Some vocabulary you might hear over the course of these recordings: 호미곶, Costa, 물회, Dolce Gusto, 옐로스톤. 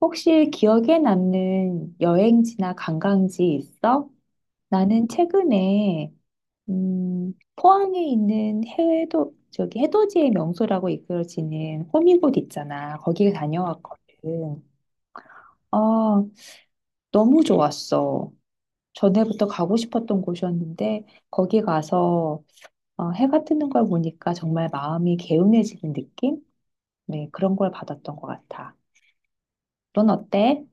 혹시 기억에 남는 여행지나 관광지 있어? 나는 최근에 포항에 있는 해도 저기 해돋이의 명소라고 이끌어지는 호미곶 있잖아. 거기에 다녀왔거든. 아, 너무 좋았어. 전에부터 가고 싶었던 곳이었는데 거기 가서 해가 뜨는 걸 보니까 정말 마음이 개운해지는 느낌? 네, 그런 걸 받았던 것 같아. 넌 어때?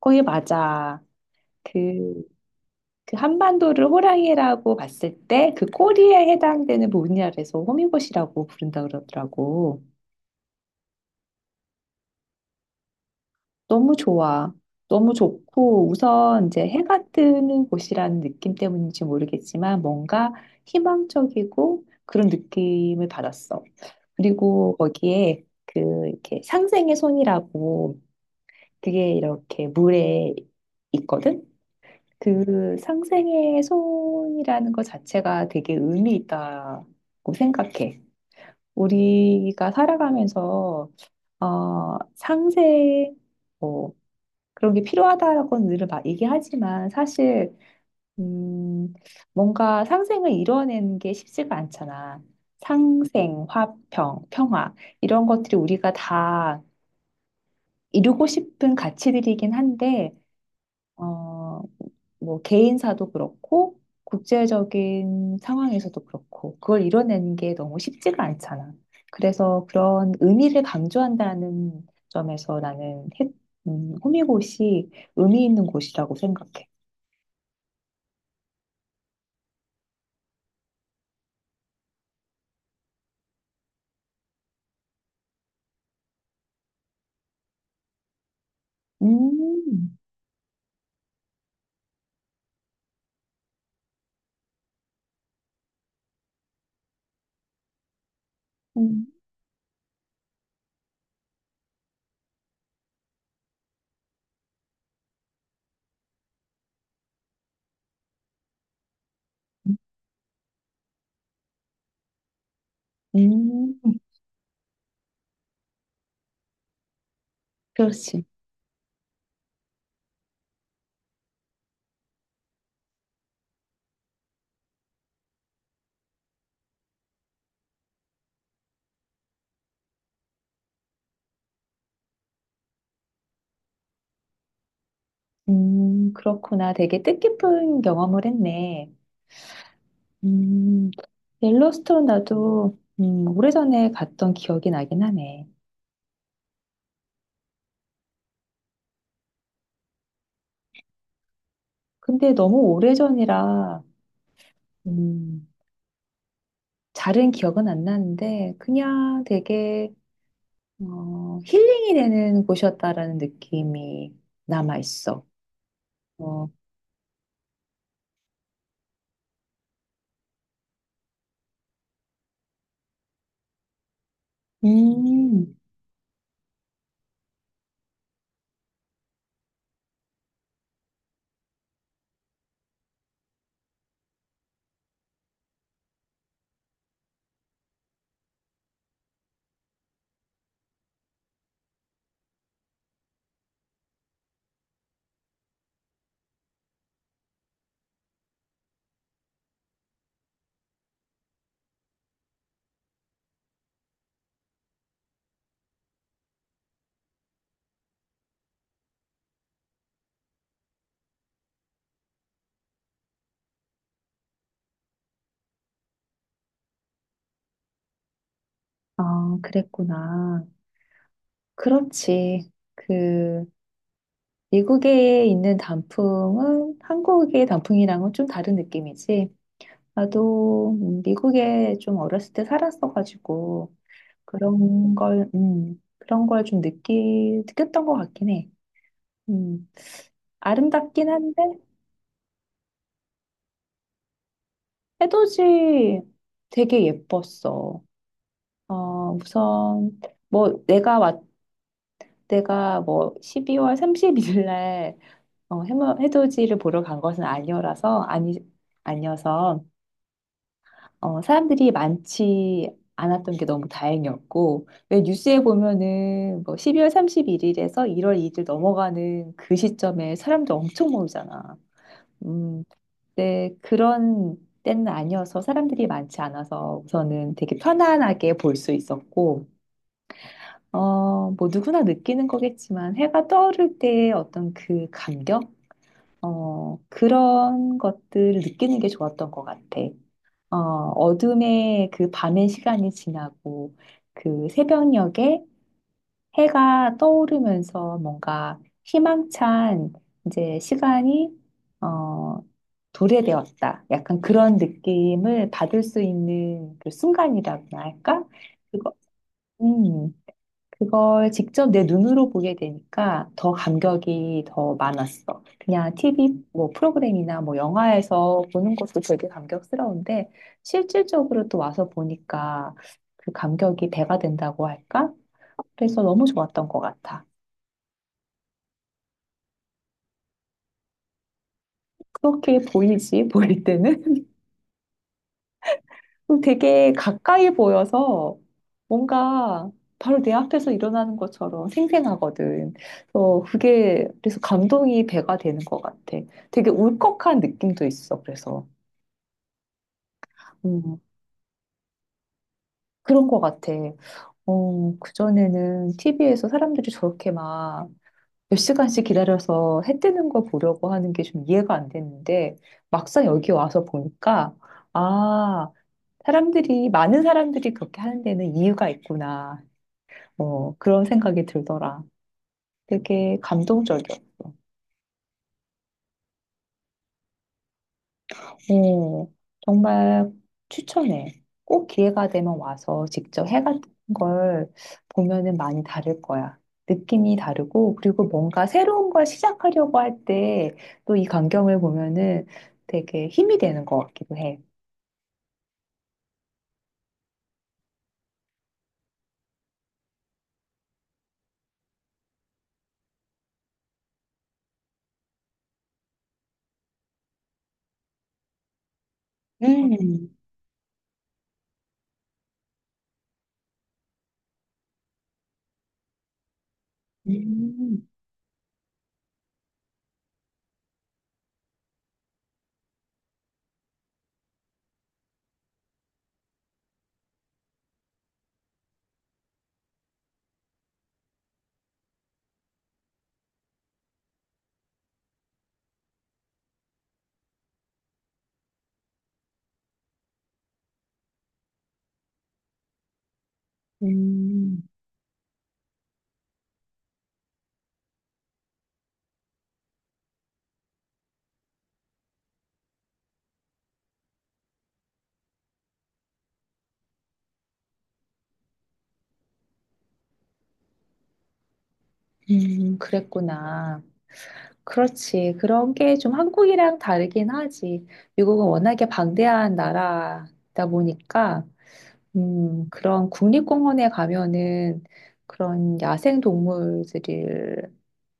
거기 맞아. 그 그 한반도를 호랑이라고 봤을 때 그 꼬리에 해당되는 부분이라서 호미곶이라고 부른다 그러더라고. 너무 좋아. 너무 좋고 우선 이제 해가 뜨는 곳이라는 느낌 때문인지 모르겠지만 뭔가 희망적이고 그런 느낌을 받았어. 그리고 거기에 그 이렇게 상생의 손이라고 그게 이렇게 물에 있거든. 그 상생의 손이라는 것 자체가 되게 의미 있다고 생각해. 우리가 살아가면서 상생, 뭐, 그런 게 필요하다라고는 늘 막 얘기하지만 사실, 음, 뭔가 상생을 이뤄내는 게 쉽지가 않잖아. 상생, 화평, 평화, 이런 것들이 우리가 다 이루고 싶은 가치들이긴 한데, 어, 뭐 개인사도 그렇고 국제적인 상황에서도 그렇고 그걸 이뤄내는 게 너무 쉽지가 않잖아. 그래서 그런 의미를 강조한다는 점에서 호미곶이 의미 있는 곳이라고 생각해. 음, 음, 음, 그렇지. 그렇구나. 되게 뜻깊은 경험을 했네. 음, 옐로스톤 나도 오래전에 갔던 기억이 나긴 하네. 근데 너무 오래전이라, 음, 잘은 기억은 안 나는데, 그냥 되게, 힐링이 되는 곳이었다라는 느낌이 남아있어. 어, 음, 아, 그랬구나. 그렇지. 그, 미국에 있는 단풍은 한국의 단풍이랑은 좀 다른 느낌이지. 나도 미국에 좀 어렸을 때 살았어가지고, 그런 걸, 그런 걸 좀 느꼈던 것 같긴 해. 음, 아름답긴 한데 해돋이 되게 예뻤어. 우선 뭐 내가뭐 12월 3십일 날 해돋이를 보러 간 것은 아니어라서 아니 아니어서 사람들이 많지 않았던 게 너무 다행이었고 왜 뉴스에 보면은 뭐 12월 31일에서 1월 2일 넘어가는 그 시점에 사람들 엄청 모이잖아. 음. 네, 그런 때는 아니어서 사람들이 많지 않아서 우선은 되게 편안하게 볼 수 있었고, 뭐 누구나 느끼는 거겠지만 해가 떠오를 때의 어떤 그 감격? 그런 것들을 느끼는 게 좋았던 것 같아. 어, 어둠의 그 밤의 시간이 지나고, 그 새벽녘에 해가 떠오르면서 뭔가 희망찬 이제 시간이 어, 도래되었다. 약간 그런 느낌을 받을 수 있는 그 순간이라고나 할까? 그거, 음. 그걸 직접 내 눈으로 보게 되니까 더 감격이 더 많았어. 그냥 TV 뭐 프로그램이나 뭐 영화에서 보는 것도 되게 감격스러운데 실질적으로 또 와서 보니까 그 감격이 배가 된다고 할까? 그래서 너무 좋았던 것 같아. 그렇게 보이지, 보일 때는? 되게 가까이 보여서 뭔가 바로 내 앞에서 일어나는 것처럼 생생하거든. 그래서 그게 그래서 감동이 배가 되는 것 같아. 되게 울컥한 느낌도 있어. 그래서 음, 그런 것 같아. 그전에는 TV에서 사람들이 저렇게 막 몇 시간씩 기다려서 해 뜨는 걸 보려고 하는 게 좀 이해가 안 됐는데 막상 여기 와서 보니까 아, 많은 사람들이 그렇게 하는 데는 이유가 있구나. 뭐 그런 생각이 들더라. 되게 감동적이었어. 어, 정말 추천해. 꼭 기회가 되면 와서 직접 해 같은 걸 보면은 많이 다를 거야. 느낌이 다르고, 그리고 뭔가 새로운 걸 시작하려고 할 때 또 이 광경을 보면은 되게 힘이 되는 것 같기도 해. 음, 음, 음. 그랬구나. 그렇지. 그런 게 좀 한국이랑 다르긴 하지. 미국은 워낙에 방대한 나라다 보니까, 그런 국립공원에 가면은 그런 야생 동물들을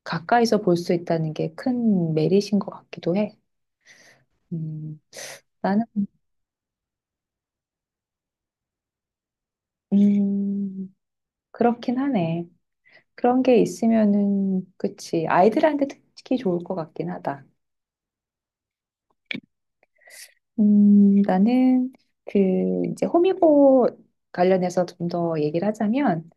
가까이서 볼 수 있다는 게 큰 메리트인 것 같기도 해. 음, 나는, 음, 그렇긴 하네. 그런 게 있으면은, 그치. 아이들한테 특히 좋을 것 같긴 하다. 나는 그 이제 호미곶 관련해서 좀 더 얘기를 하자면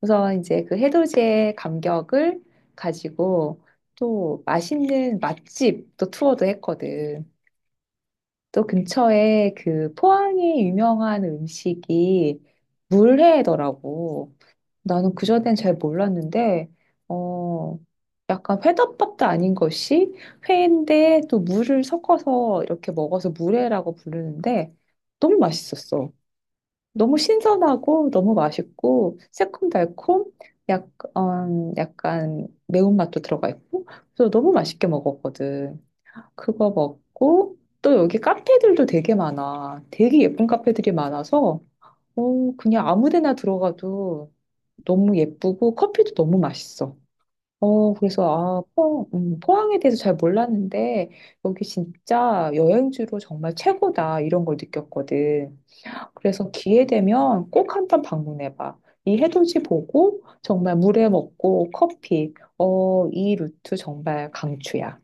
우선 이제 그 해돋이의 감격을 가지고 또 맛있는 맛집 또 투어도 했거든. 또 근처에 그 포항의 유명한 음식이 물회더라고. 나는 그전엔 잘 몰랐는데, 어, 약간 회덮밥도 아닌 것이 회인데 또 물을 섞어서 이렇게 먹어서 물회라고 부르는데 너무 맛있었어. 너무 신선하고 너무 맛있고 새콤달콤 약간 매운맛도 들어가 있고 그래서 너무 맛있게 먹었거든. 그거 먹고 또 여기 카페들도 되게 많아. 되게 예쁜 카페들이 많아서 그냥 아무 데나 들어가도 너무 예쁘고 커피도 너무 맛있어. 그래서 포항에 대해서 잘 몰랐는데 여기 진짜 여행지로 정말 최고다 이런 걸 느꼈거든. 그래서 기회 되면 꼭 한 번 방문해 봐. 이 해돋이 보고 정말 물회 먹고 커피. 이 루트 정말 강추야.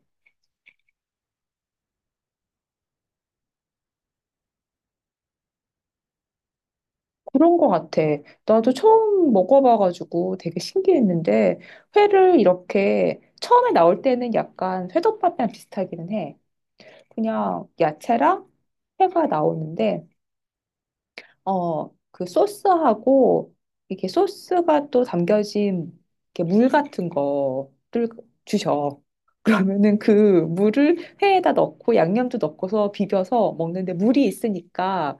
그런 거 같아. 나도 처음 먹어봐가지고 되게 신기했는데 회를 이렇게 처음에 나올 때는 약간 회덮밥이랑 비슷하기는 해. 그냥 야채랑 회가 나오는데, 그 소스하고, 이렇게 소스가 또 담겨진 이렇게 물 같은 거를 주셔. 그러면은 그 물을 회에다 넣고 양념도 넣고서 비벼서 먹는데 물이 있으니까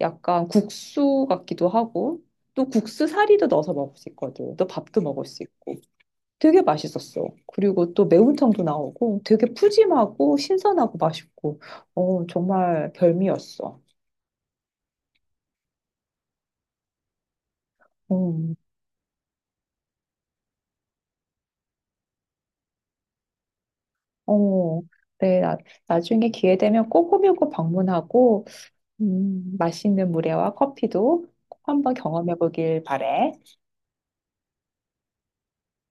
약간 국수 같기도 하고, 또 국수 사리도 넣어서 먹을 수 있거든. 또 밥도 먹을 수 있고. 되게 맛있었어. 그리고 또 매운탕도 나오고 되게 푸짐하고 신선하고 맛있고, 정말 별미였어. 음, 어, 네, 나중에 기회 되면 꼭 호명고 방문하고, 맛있는 물회와 커피도 꼭 한번 경험해 보길 바래.